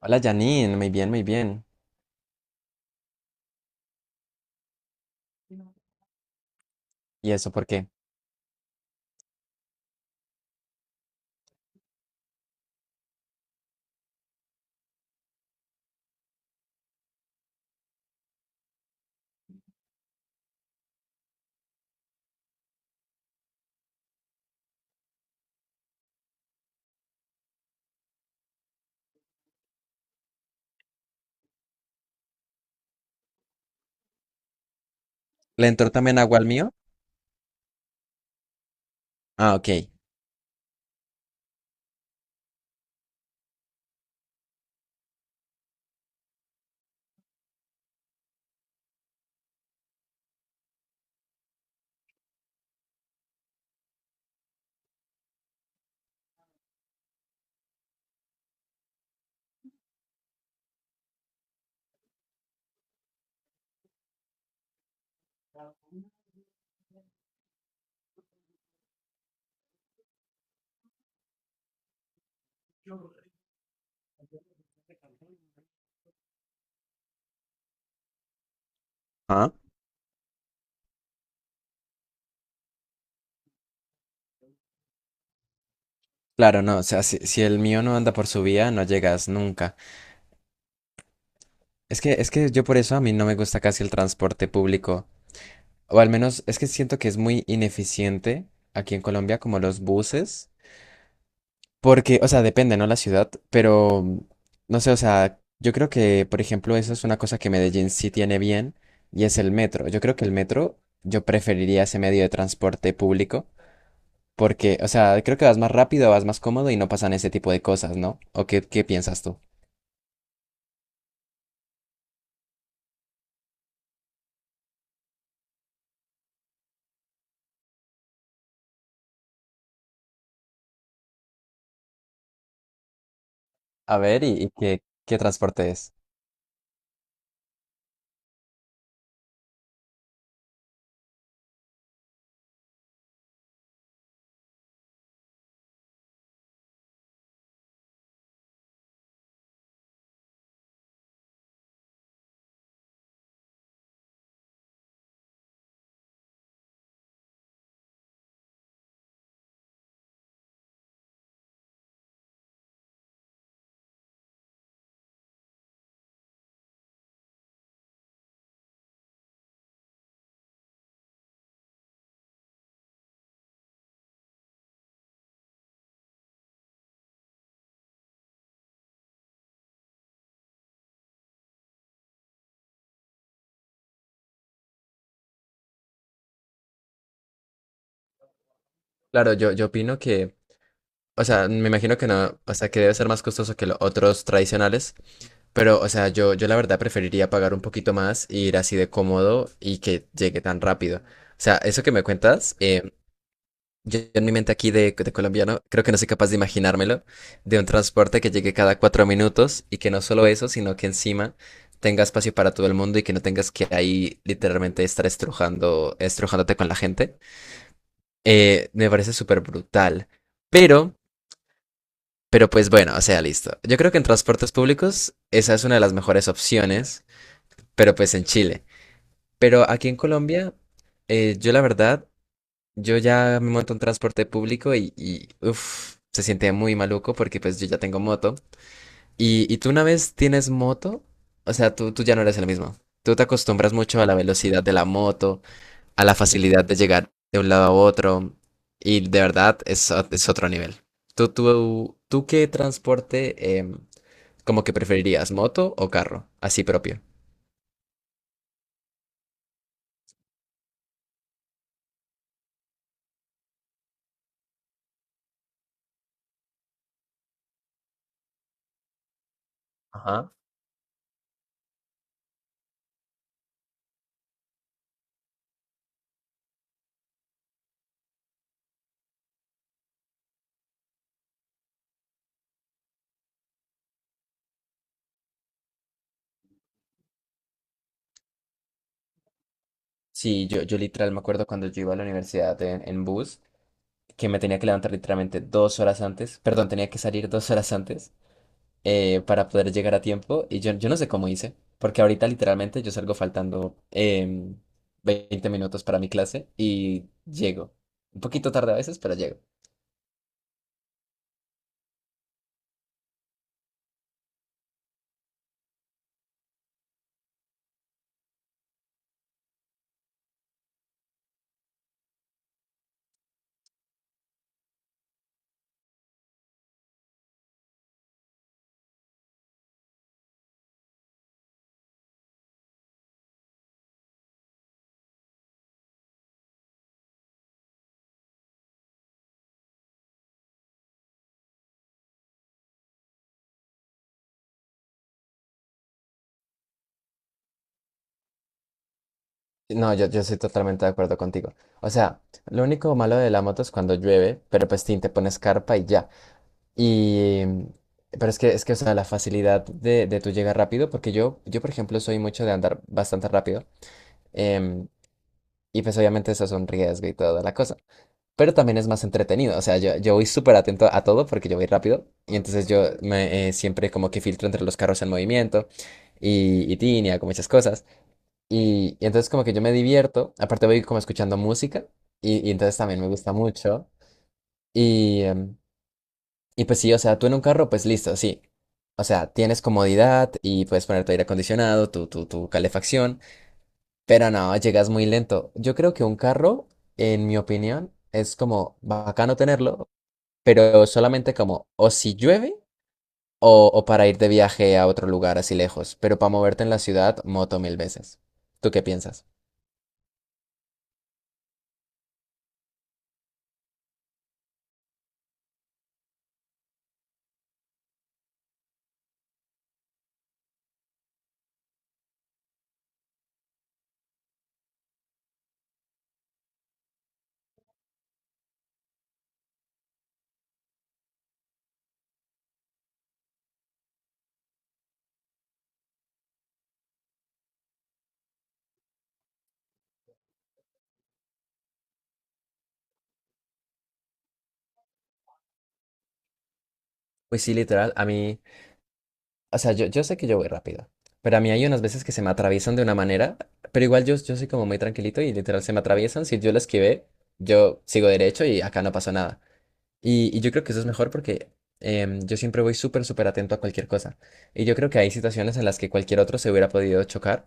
Hola Janine, muy bien, muy bien. ¿Y eso por qué? ¿Le entró también agua al mío? Ah, ok. Ah, claro, no, o sea, si el mío no anda por su vía, no llegas nunca. Es que yo por eso a mí no me gusta casi el transporte público. O al menos es que siento que es muy ineficiente aquí en Colombia, como los buses. Porque, o sea, depende, ¿no? La ciudad, pero no sé, o sea, yo creo que, por ejemplo, eso es una cosa que Medellín sí tiene bien y es el metro. Yo creo que el metro, yo preferiría ese medio de transporte público. Porque, o sea, creo que vas más rápido, vas más cómodo y no pasan ese tipo de cosas, ¿no? ¿O qué piensas tú? A ver, ¿y qué transporte es? Claro, yo opino que, o sea, me imagino que no, o sea, que debe ser más costoso que los otros tradicionales, pero, o sea, yo la verdad preferiría pagar un poquito más e ir así de cómodo y que llegue tan rápido. O sea, eso que me cuentas, yo en mi mente aquí de colombiano, creo que no soy capaz de imaginármelo, de un transporte que llegue cada 4 minutos y que no solo eso, sino que encima tenga espacio para todo el mundo y que no tengas que ahí literalmente estar estrujando, estrujándote con la gente. Me parece súper brutal. Pero, pero pues bueno, o sea, listo. Yo creo que en transportes públicos esa es una de las mejores opciones, pero pues en Chile. Pero aquí en Colombia, yo la verdad yo ya me monto en transporte público y uf, se siente muy maluco porque pues yo ya tengo moto. Y tú una vez tienes moto, o sea, tú ya no eres el mismo. Tú te acostumbras mucho a la velocidad de la moto, a la facilidad de llegar de un lado a otro y de verdad es, es otro nivel. ¿Tú qué transporte como que preferirías, moto o carro? Así propio. Ajá. Sí, yo literal me acuerdo cuando yo iba a la universidad en bus, que me tenía que levantar literalmente 2 horas antes, perdón, tenía que salir 2 horas antes para poder llegar a tiempo. Y yo no sé cómo hice, porque ahorita literalmente yo salgo faltando 20 minutos para mi clase y llego. Un poquito tarde a veces, pero llego. No, yo estoy totalmente de acuerdo contigo. O sea, lo único malo de la moto es cuando llueve, pero pues tin, te pones carpa y ya. Y... Pero es que, o sea, la facilidad de tú llegar rápido, porque yo, por ejemplo, soy mucho de andar bastante rápido. em, Y pues obviamente eso es un riesgo y toda la cosa. Pero también es más entretenido. O sea, yo voy súper atento a todo porque yo voy rápido. Y entonces siempre como que filtro entre los carros en movimiento y tinea, como muchas cosas. Y entonces como que yo me divierto. Aparte voy como escuchando música. Y entonces también me gusta mucho. Y, y pues sí, o sea, tú en un carro, pues listo, sí. O sea, tienes comodidad y puedes poner tu aire acondicionado, tu calefacción. Pero no, llegas muy lento. Yo creo que un carro, en mi opinión, es como bacano tenerlo, pero solamente como o si llueve o para ir de viaje a otro lugar así lejos. Pero para moverte en la ciudad, moto mil veces. ¿Tú qué piensas? Pues sí, literal, a mí, o sea, yo sé que yo voy rápido, pero a mí hay unas veces que se me atraviesan de una manera, pero igual yo soy como muy tranquilito y literal se me atraviesan. Si yo lo esquivé, yo sigo derecho y acá no pasó nada. Y yo creo que eso es mejor porque yo siempre voy súper, súper atento a cualquier cosa. Y yo creo que hay situaciones en las que cualquier otro se hubiera podido chocar.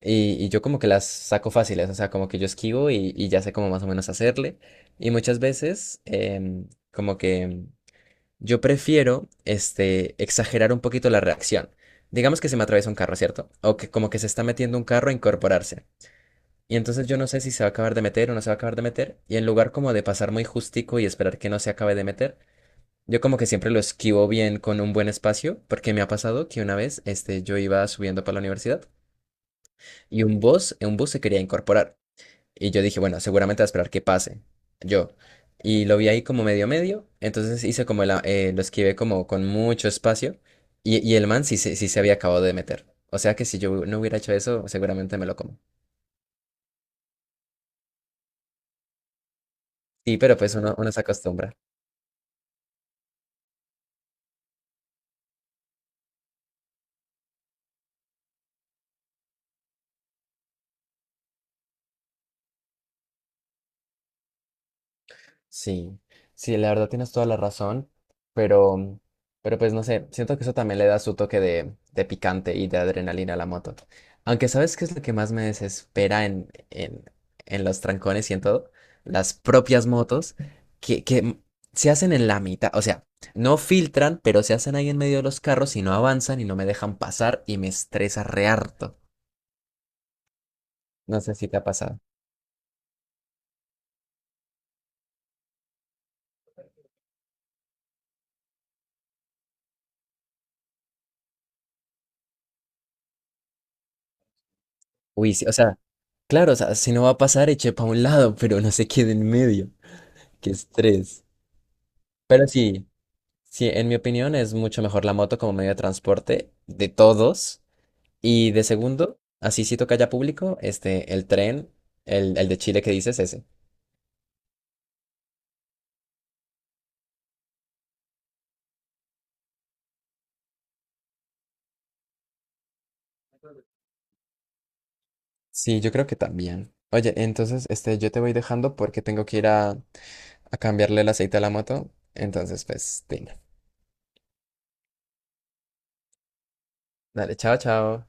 Y yo como que las saco fáciles, o sea, como que yo esquivo y ya sé cómo más o menos hacerle. Y muchas veces como que yo prefiero este, exagerar un poquito la reacción. Digamos que se me atraviesa un carro, ¿cierto? O que como que se está metiendo un carro a incorporarse. Y entonces yo no sé si se va a acabar de meter o no se va a acabar de meter. Y en lugar como de pasar muy justico y esperar que no se acabe de meter, yo como que siempre lo esquivo bien con un buen espacio, porque me ha pasado que una vez este, yo iba subiendo para la universidad y un bus se quería incorporar. Y yo dije, bueno, seguramente va a esperar que pase. Yo. Y lo vi ahí como medio medio, entonces hice como lo esquivé como con mucho espacio y el man sí, sí se había acabado de meter. O sea que si yo no hubiera hecho eso, seguramente me lo como. Sí, pero pues uno se acostumbra. Sí, sí, la verdad tienes toda la razón, pero, pero pues no sé, siento que eso también le da su toque de picante y de adrenalina a la moto. Aunque ¿sabes qué es lo que más me desespera en los trancones y en todo? Las propias motos que se hacen en la mitad, o sea, no filtran, pero se hacen ahí en medio de los carros y no avanzan y no me dejan pasar y me estresa re harto. No sé si te ha pasado. Uy, sí, o sea, claro, o sea, si no va a pasar, eche para un lado, pero no se quede en medio. Qué estrés. Pero sí, sí, en mi opinión es mucho mejor la moto como medio de transporte de todos. Y de segundo, así si toca ya público, este, el tren, el de Chile que dices, ese. Sí, yo creo que también. Oye, entonces, este, yo te voy dejando porque tengo que ir a cambiarle el aceite a la moto. Entonces, pues, venga. Dale, chao, chao.